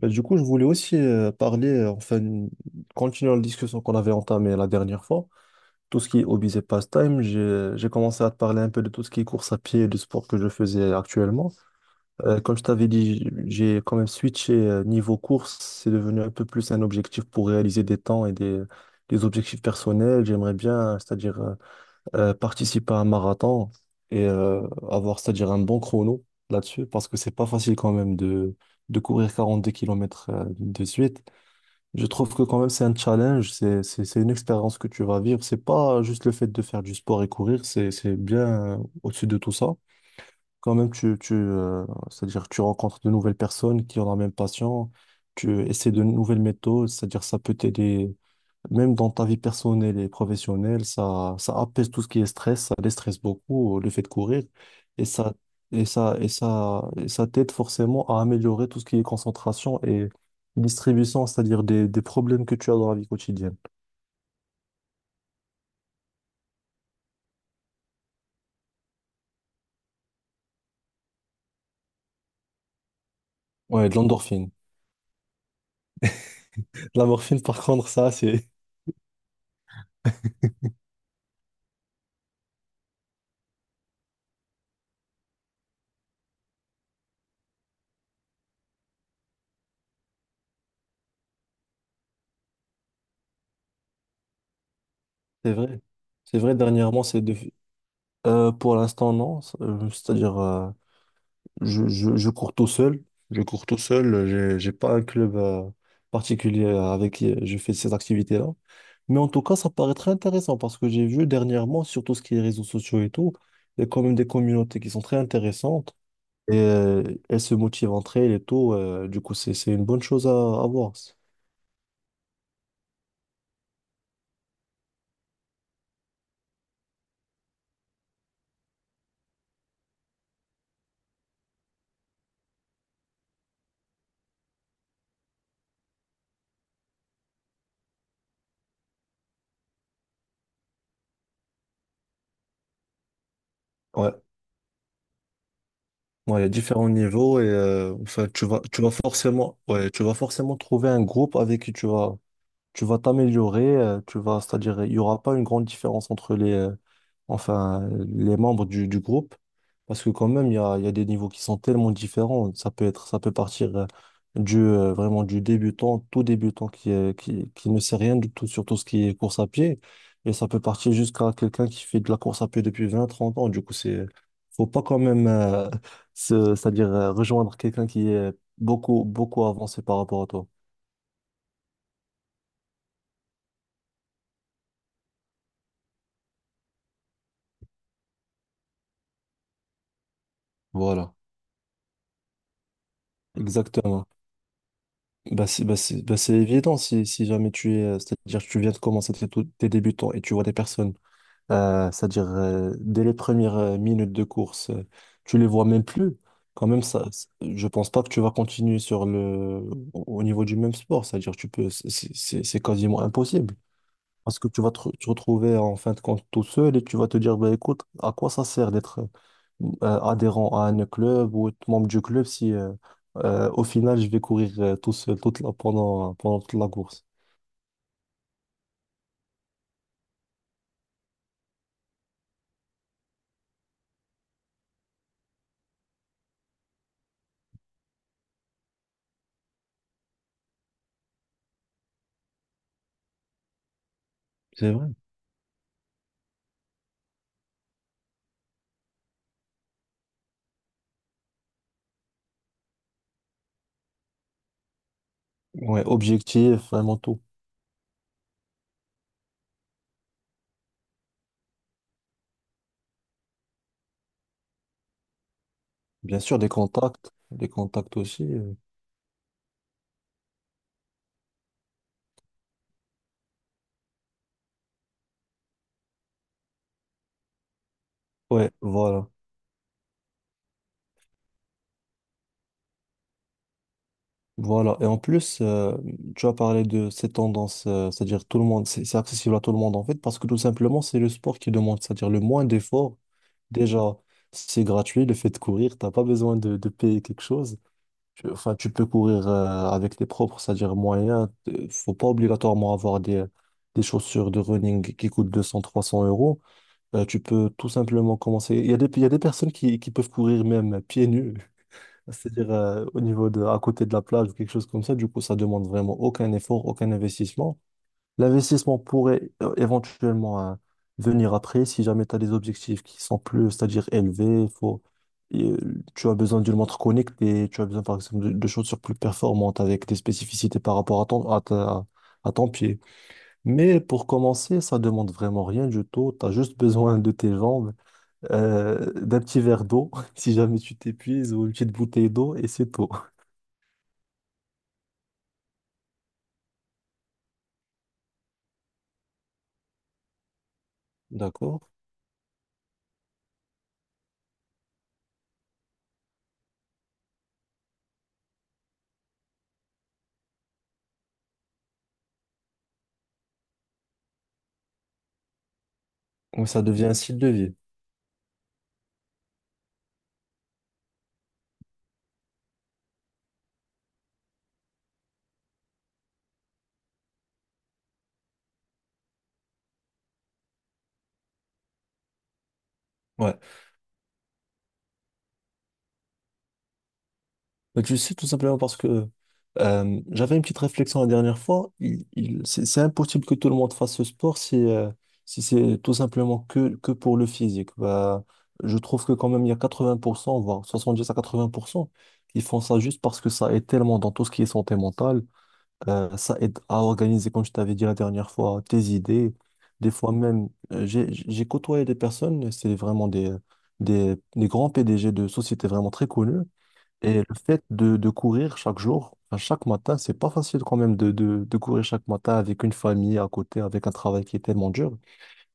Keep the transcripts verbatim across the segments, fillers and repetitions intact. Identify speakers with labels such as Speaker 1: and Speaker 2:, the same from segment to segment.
Speaker 1: Bah, du coup, je voulais aussi euh, parler, euh, enfin, continuer la discussion qu'on avait entamée la dernière fois. Tout ce qui est hobbies et pastime, j'ai j'ai commencé à te parler un peu de tout ce qui est course à pied et du sport que je faisais actuellement. Euh, comme je t'avais dit, j- j'ai quand même switché euh, niveau course. C'est devenu un peu plus un objectif pour réaliser des temps et des, des objectifs personnels. J'aimerais bien, euh, c'est-à-dire euh, euh, participer à un marathon et euh, avoir, c'est-à-dire un bon chrono là-dessus, parce que c'est pas facile quand même de, de courir quarante-deux kilomètres euh, de suite. Je trouve que quand même c'est un challenge, c'est, c'est, c'est une expérience que tu vas vivre. C'est pas juste le fait de faire du sport et courir, c'est, c'est bien euh, au-dessus de tout ça. Quand même, tu, tu, euh, c'est-à-dire tu rencontres de nouvelles personnes qui ont la même passion, tu essaies de nouvelles méthodes, c'est-à-dire ça peut t'aider même dans ta vie personnelle et professionnelle, ça, ça apaise tout ce qui est stress, ça déstresse beaucoup euh, le fait de courir et ça, et ça, et ça, et ça t'aide forcément à améliorer tout ce qui est concentration et distribution, c'est-à-dire des, des problèmes que tu as dans la vie quotidienne. Ouais, de l'endorphine. La morphine, par contre, ça, c'est, c'est vrai. C'est vrai, dernièrement, c'est de... euh, pour l'instant, non. Euh, C'est-à-dire, euh, Je, je, je cours tout seul. Je cours tout seul. J'ai, j'ai pas un club euh, particulier euh, avec qui je fais ces activités-là. Mais en tout cas, ça paraît très intéressant parce que j'ai vu dernièrement, sur tout ce qui est réseaux sociaux et tout, il y a quand même des communautés qui sont très intéressantes et euh, elles se motivent entre elles et tout. Euh, du coup, c'est, c'est une bonne chose à, à, voir. Ouais. Ouais, il y a différents niveaux et euh, enfin, tu vas, tu vas forcément, ouais, tu vas forcément trouver un groupe avec qui tu vas tu vas t'améliorer, euh, tu vas, c'est-à-dire, il n'y aura pas une grande différence entre les, euh, enfin, les membres du, du groupe, parce que quand même, il y a, il y a des niveaux qui sont tellement différents. Ça peut être, ça peut partir euh, du, euh, vraiment du débutant, tout débutant qui, est- qui, qui ne sait rien du tout sur tout ce qui est course à pied, et ça peut partir jusqu'à quelqu'un qui fait de la course à pied depuis vingt trente ans. Du coup, c'est, faut pas quand même, euh, se- c'est-à-dire, euh, rejoindre quelqu'un qui est beaucoup, beaucoup avancé par rapport à toi. Voilà, exactement. Bah c'est bah c'est bah c'est évident, si, si jamais tu es, euh, c'est-à-dire que tu viens de commencer tes, tout- tes débutants et tu vois des personnes, euh, c'est-à-dire euh, dès les premières euh, minutes de course, euh, tu les vois même plus. Quand même, ça, c- je pense pas que tu vas continuer sur le, au au niveau du même sport, c'est-à-dire tu peux, c'est c'est- c'est- c'est quasiment impossible. Parce que tu vas te, re- te retrouver en fin de compte tout seul et tu vas te dire, bah écoute, à quoi ça sert d'être euh, adhérent à un club ou être membre du club si euh, euh, au final je vais courir euh, tout seul toute la- pendant, pendant toute la course. C'est vrai. Ouais, objectif, vraiment tout. Bien sûr, des contacts, des contacts aussi. Euh. Ouais, voilà. Voilà. Et en plus, euh, tu as parlé de ces tendances, euh, c'est-à-dire tout le monde, c'est c'est accessible à tout le monde en fait, parce que tout simplement, c'est le sport qui demande, c'est-à-dire le moins d'efforts. Déjà, c'est gratuit, le fait de courir, t'as pas besoin de, de payer quelque chose. Tu, enfin, tu peux courir euh, avec tes propres, c'est-à-dire moyens. Euh, Faut pas obligatoirement avoir des, des chaussures de running qui coûtent deux cents, trois 300 euros. Euh, tu peux tout simplement commencer. Il y a des, il y a des personnes qui, qui peuvent courir même pieds nus, c'est-à-dire euh, au niveau de, à côté de la plage ou quelque chose comme ça. Du coup, ça demande vraiment aucun effort, aucun investissement. L'investissement pourrait euh, éventuellement euh, venir après si jamais tu as des objectifs qui sont plus, c'est-à-dire élevés, faut, et, euh, tu as besoin d'une montre connectée, tu as besoin par exemple de, de chaussures plus performantes avec des spécificités par rapport à ton, à ta- à ton pied. Mais pour commencer, ça demande vraiment rien du tout, tu as juste besoin de tes jambes, euh, d'un petit verre d'eau si jamais tu t'épuises ou une petite bouteille d'eau et c'est tout. D'accord? Donc ça devient un style de vie. Ouais. Mais tu sais, tout simplement parce que euh, j'avais une petite réflexion la dernière fois. Il, il- c'est c'est impossible que tout le monde fasse ce sport si, euh, si c'est tout simplement que, que pour le physique. Bah, je trouve que quand même, il y a quatre-vingts pour cent, voire soixante-dix à quatre-vingts pour cent, qui font ça juste parce que ça aide tellement dans tout ce qui est santé mentale. Euh, ça aide à organiser, comme je t'avais dit la dernière fois, tes idées. Des fois même, euh, j'ai, j'ai côtoyé des personnes, c'est vraiment des, des, des grands P D G de sociétés vraiment très connues et le fait de, de courir chaque jour, enfin, chaque matin, c'est pas facile quand même de, de, de courir chaque matin avec une famille à côté, avec un travail qui est tellement dur.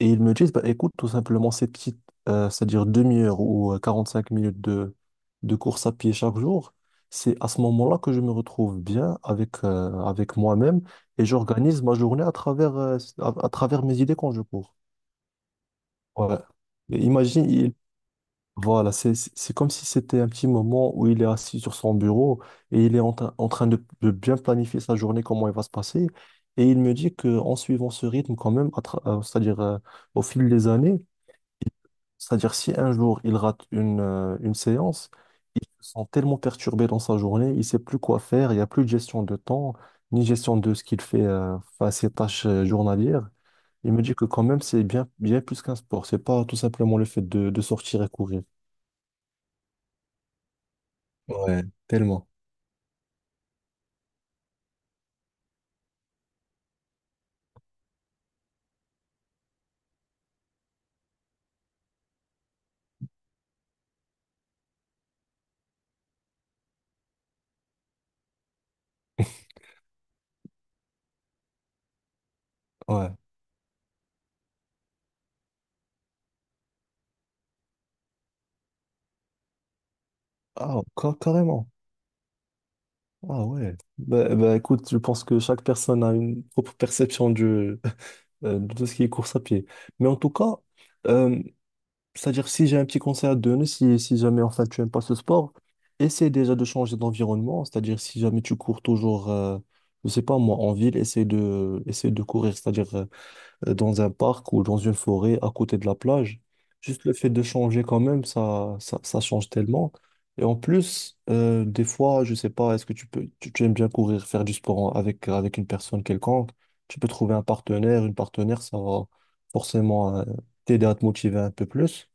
Speaker 1: Et ils me disent, bah, écoute, tout simplement, cette petite, euh, c'est-à-dire demi-heure ou euh, cinq minutes de, de, course à pied chaque jour, c'est à ce moment-là que je me retrouve bien avec, euh, avec moi-même et j'organise ma journée à travers, euh, à, à travers mes idées quand je cours. Ouais. Et imagine, voilà, c'est c'est- c'est comme si c'était un petit moment où il est assis sur son bureau et il est en, tra- en train de, de bien planifier sa journée, comment elle va se passer. Et il me dit qu'en suivant ce rythme quand même, à tra- euh, c'est-à-dire euh, au fil des années, c'est-à-dire si un jour il rate une, euh, une séance, il se sent tellement perturbé dans sa journée, il ne sait plus quoi faire, il n'y a plus de gestion de temps, ni gestion de ce qu'il fait euh, face à ses tâches euh, journalières. Il me dit que quand même, c'est bien, bien plus qu'un sport. C'est pas tout simplement le fait de de sortir et courir. Ouais, tellement. Ouais. Ah, ca- carrément. Ah ouais. Bah, bah, écoute, je pense que chaque personne a une propre perception du, euh, de tout ce qui est course à pied. Mais en tout cas, euh, c'est-à-dire si j'ai un petit conseil à te donner, si, si jamais enfin tu n'aimes pas ce sport, essaie déjà de changer d'environnement. C'est-à-dire si jamais tu cours toujours, euh, je sais pas moi, en ville, essaie de, essaie de courir. C'est-à-dire euh, euh, dans un parc ou dans une forêt à côté de la plage. Juste le fait de changer quand même, ça, ça, ça change tellement. Et en plus, euh, des fois, je sais pas, est-ce que tu peux, tu, tu aimes bien courir, faire du sport en- avec, avec une personne quelconque? Tu peux trouver un partenaire, une partenaire, ça va forcément euh, t'aider à te motiver un peu plus.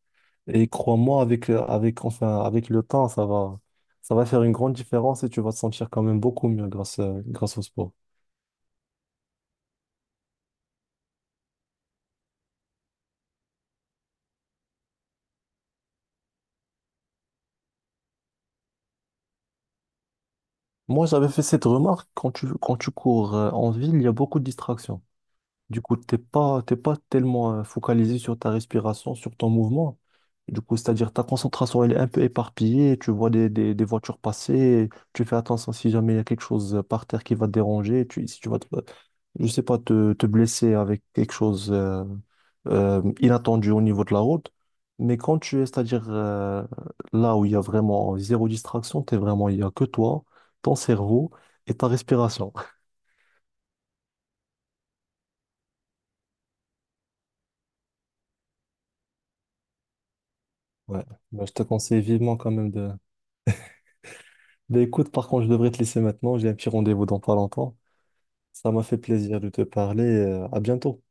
Speaker 1: Et crois-moi, avec, euh, avec, enfin, avec le temps, ça va, ça va faire une grande différence et tu vas te sentir quand même beaucoup mieux grâce, euh, grâce au sport. Moi, j'avais fait cette remarque quand tu, quand tu cours euh, en ville, il y a beaucoup de distractions. Du coup, t'es pas, t'es pas tellement euh, focalisé sur ta respiration, sur ton mouvement. Du coup, c'est-à-dire ta concentration, elle est un peu éparpillée, tu vois des, des, des voitures passer, tu fais attention si jamais il y a quelque chose euh, par terre qui va te déranger, tu, si tu vas, te- je sais pas, te, te blesser avec quelque chose euh, euh, inattendu au niveau de la route. Mais quand tu es, c'est-à-dire euh, là où il y a vraiment zéro distraction, t'es vraiment, il y a que toi, ton cerveau et ta respiration. Ouais. Bah, je te conseille vivement quand même de Ben écoute, par contre, je devrais te laisser maintenant. J'ai un petit rendez-vous dans pas longtemps. Ça m'a fait plaisir de te parler. euh, À bientôt.